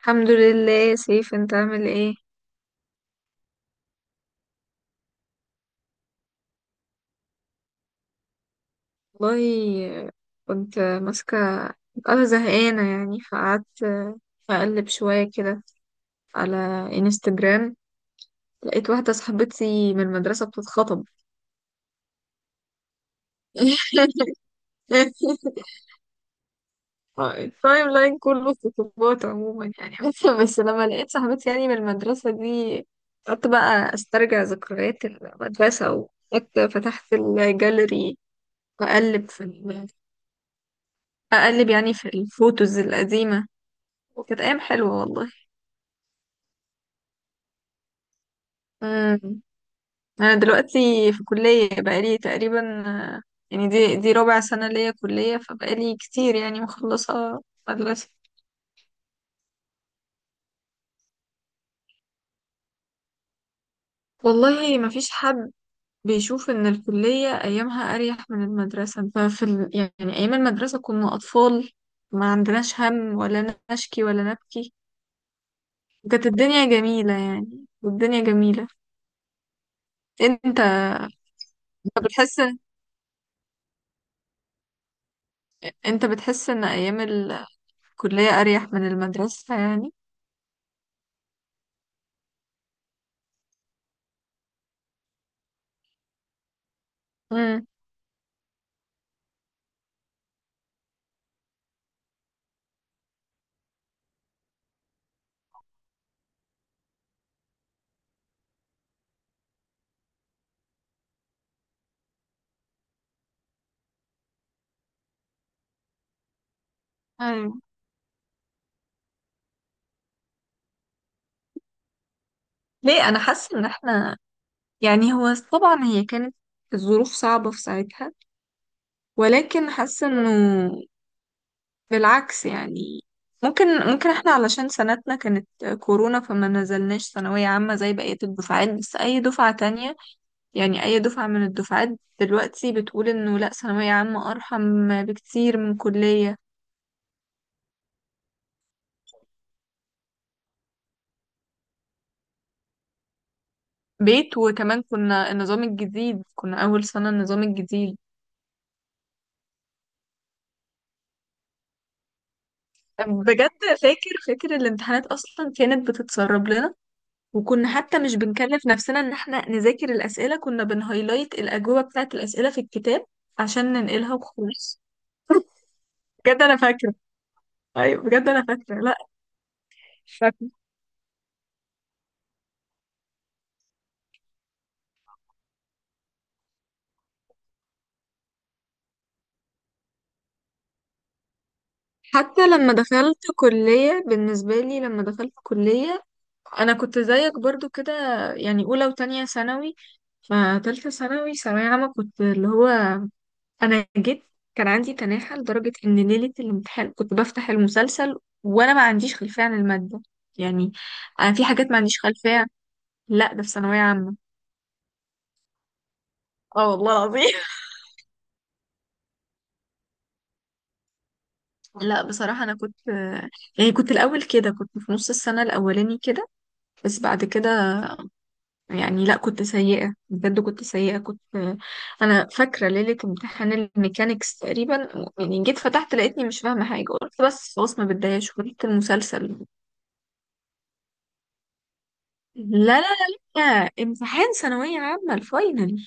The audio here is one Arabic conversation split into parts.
الحمد لله، سيف. انت عامل ايه؟ والله، كنت ماسكة. انا زهقانة يعني فقعدت اقلب شوية كده على انستجرام. لقيت واحدة صاحبتي من المدرسة بتتخطب. التايم لاين كله خطوبات عموما يعني. بس لما لقيت صاحبتي يعني من المدرسة دي، قعدت بقى استرجع ذكريات المدرسة. وقعدت فتحت الجاليري، وأقلب في اقلب يعني في الفوتوز القديمة. كانت ايام حلوة والله. امم انا دلوقتي في كلية بقالي تقريبا. آه، يعني دي رابع سنة ليا كلية، فبقالي كتير يعني مخلصة مدرسة. والله، ما فيش حد بيشوف ان الكلية ايامها اريح من المدرسة. يعني ايام المدرسة كنا اطفال، ما عندناش هم ولا نشكي ولا نبكي. وكانت الدنيا جميلة يعني، والدنيا جميلة. انت بتحس انت بتحس ان كلية أريح من المدرسة يعني. امم، أيوة. ليه أنا حاسة إن إحنا، يعني هو طبعا هي كانت الظروف صعبة في ساعتها، ولكن حاسة إنه بالعكس يعني. ممكن إحنا، علشان سنتنا كانت كورونا، فما نزلناش ثانوية عامة زي بقية الدفعات. بس أي دفعة تانية، يعني أي دفعة من الدفعات دلوقتي، بتقول إنه لأ، ثانوية عامة أرحم بكتير من كلية. بيت، وكمان كنا النظام الجديد، كنا أول سنة النظام الجديد. بجد، فاكر الامتحانات اصلا كانت بتتسرب لنا. وكنا حتى مش بنكلف نفسنا ان احنا نذاكر الاسئله، كنا بنهايلايت الاجوبه بتاعه الاسئله في الكتاب عشان ننقلها وخلاص. بجد انا فاكره. ايوه، بجد انا فاكره. لا، فاكره. حتى لما دخلت كليه، بالنسبه لي لما دخلت كليه، انا كنت زيك برضو كده. يعني اولى وتانية ثانوي. فتالتة ثانوي، ثانوية عامة، كنت اللي هو، انا جيت. كان عندي تناحة لدرجة ان ليلة الامتحان كنت بفتح المسلسل، وانا ما عنديش خلفية عن المادة يعني. انا في حاجات ما عنديش خلفية. لا، ده في ثانوية عامة. اه، والله العظيم. لا بصراحة انا كنت، يعني كنت الاول كده، كنت في نص السنة الاولاني كده، بس بعد كده يعني لا، كنت سيئة بجد، كنت سيئة كنت. انا فاكرة ليلة امتحان الميكانيكس تقريبا. يعني جيت فتحت لقيتني مش فاهمة حاجة، قلت بس خلاص ما بتضايقش وقلت المسلسل. لا، لا، لا، لا، امتحان ثانوية عامة الفاينل.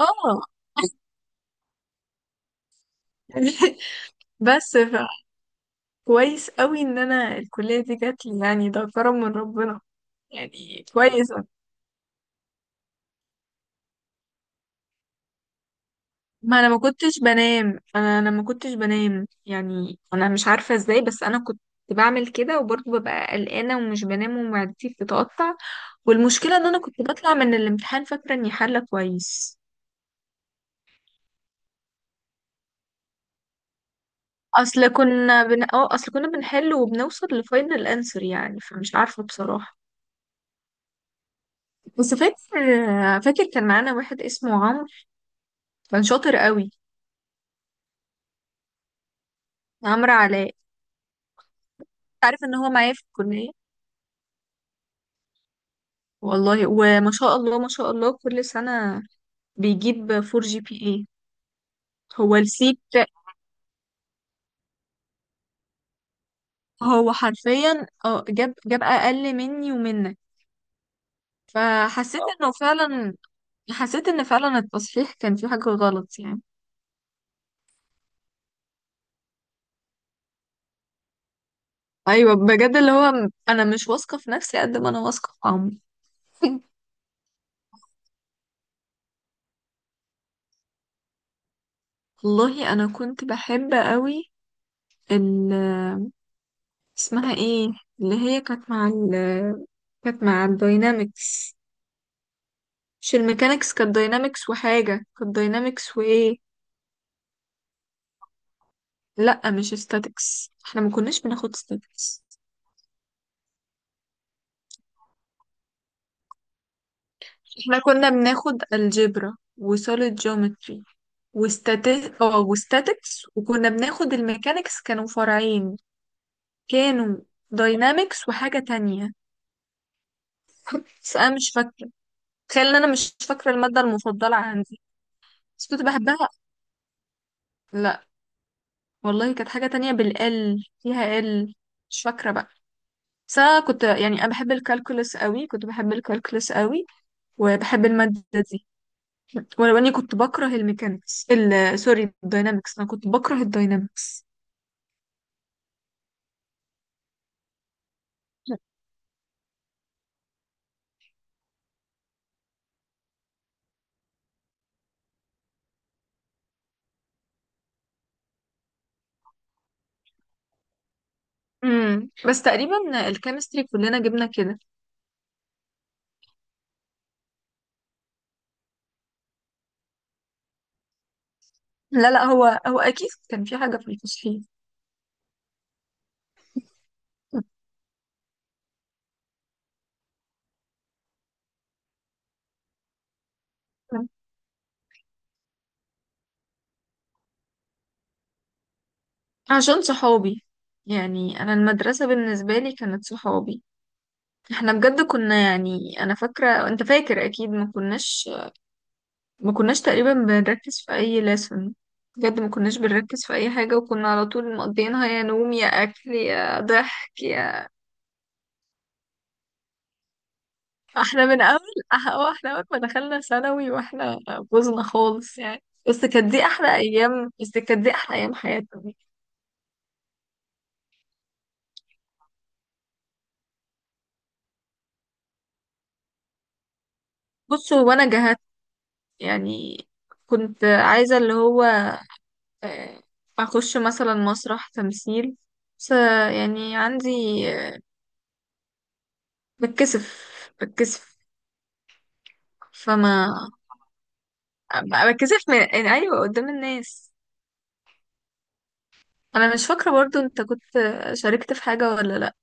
اه. بس ف- كويس قوي ان انا الكلية دي جات لي، يعني ده كرم من ربنا يعني كويس. ما انا ما كنتش بنام. انا ما كنتش بنام يعني، انا مش عارفة ازاي، بس انا كنت بعمل كده وبرضه ببقى قلقانة ومش بنام ومعدتي بتتقطع. والمشكلة ان انا كنت بطلع من الامتحان فاكرة اني حالة كويس. اصل كنا بنحل وبنوصل لفاينل انسر يعني، فمش عارفة بصراحة. بس فاكر كان معانا واحد اسمه عمرو، كان شاطر قوي. عمرو علاء. عارف ان هو معايا في الكلية. والله، وما شاء الله ما شاء الله، كل سنة بيجيب 4 GPA. هو السيت، هو حرفيا جاب اقل مني ومنك. فحسيت انه فعلا حسيت ان فعلا التصحيح كان فيه حاجة غلط يعني. ايوه، بجد، اللي هو انا مش واثقه في نفسي قد ما انا واثقه في عمري. والله، انا كنت بحب قوي ال اسمها ايه؟ اللي هي كانت مع الداينامكس. مش الميكانكس، كانت داينامكس وحاجه، كانت داينامكس وايه. لا، مش statics، احنا ما كناش بناخد statics. احنا كنا بناخد الجبرا وسوليد جيومتري، وستاتيك وستاتكس، وكنا بناخد الميكانكس. كانوا فرعين، كانوا داينامكس وحاجة تانية. بس أنا مش فاكرة. تخيل إن أنا مش فاكرة المادة المفضلة عندي. بس كنت بحبها. لا، والله كانت حاجة تانية بالال فيها مش فاكرة بقى. بس أنا كنت، يعني أنا بحب الكالكولس قوي، كنت بحب الكالكولس قوي، وبحب المادة دي. ولو إني كنت بكره الميكانيكس، سوري، الداينامكس. أنا كنت بكره الداينامكس. بس تقريبا الكيمستري كلنا جبنا كده. لا، لا، هو هو اكيد كان في حاجه في الفصحية. عشان صحابي. يعني انا المدرسة بالنسبة لي كانت صحابي. احنا بجد كنا، يعني انا فاكرة، انت فاكر اكيد ما كناش تقريبا بنركز في اي لسن. بجد ما كناش بنركز في اي حاجة، وكنا على طول مقضيينها يا نوم يا اكل يا ضحك يا. احنا من اول أح- اه احنا اول ما دخلنا ثانوي، واحنا بوظنا خالص يعني. بس كانت دي احلى ايام حياتنا. بصوا، وانا جهت يعني، كنت عايزة اللي هو آه، اخش مثلا مسرح تمثيل. بس يعني عندي آه، بتكسف بتكسف. فما بتكسف من، يعني ايوه، قدام الناس. انا مش فاكره برضو، انت كنت شاركت في حاجه ولا لا؟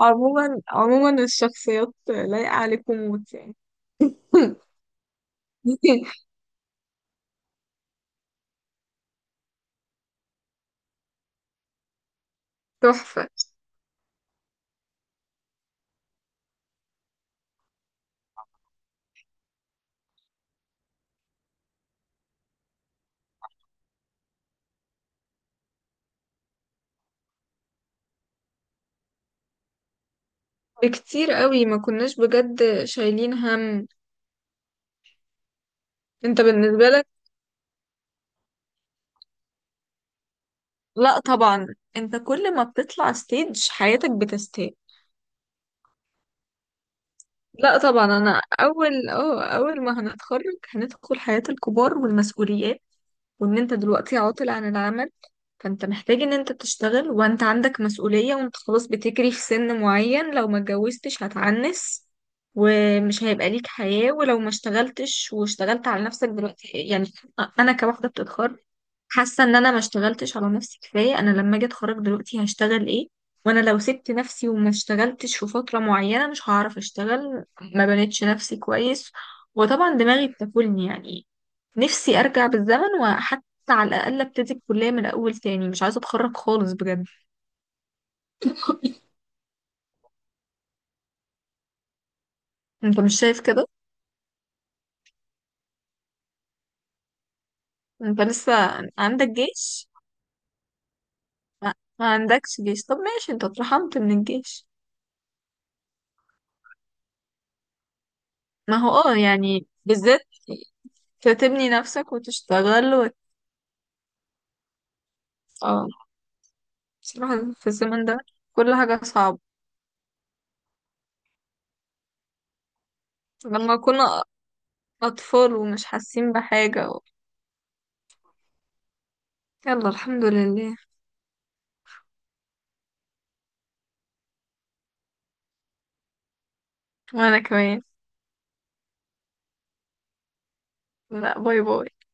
عموما الشخصيات لايقه عليكم موت يعني. تحفه. بكتير قوي، ما كناش بجد شايلين هم. انت بالنسبه لك؟ لا طبعا، انت كل ما بتطلع ستيج حياتك بتستاهل. لا طبعا، انا اول ما هنتخرج هندخل حياة الكبار والمسؤوليات. وان انت دلوقتي عاطل عن العمل، فانت محتاج ان انت تشتغل وانت عندك مسؤولية، وانت خلاص بتجري في سن معين، لو ما اتجوزتش هتعنس. ومش هيبقى ليك حياة، ولو ما اشتغلتش واشتغلت على نفسك دلوقتي يعني. انا كواحدة بتتخرج، حاسه ان انا ما اشتغلتش على نفسي كفايه. انا لما اجي اتخرج دلوقتي هشتغل ايه؟ وانا لو سبت نفسي وما اشتغلتش في فتره معينه مش هعرف اشتغل. ما بنيتش نفسي كويس، وطبعا دماغي بتاكلني يعني. نفسي ارجع بالزمن، وحتى على الاقل ابتدي الكليه من الاول تاني. مش عايزه اتخرج خالص بجد. انت مش شايف كده؟ انت لسه عندك جيش؟ ما ما عندكش جيش. طب ماشي، انت اترحمت من الجيش. ما هو اه يعني بالذات، تبني نفسك وتشتغل اه، بصراحة في الزمن ده كل حاجة صعبة. لما كنا أطفال ومش حاسين بحاجة. يلا، الحمد لله. وأنا كمان. لا، باي باي.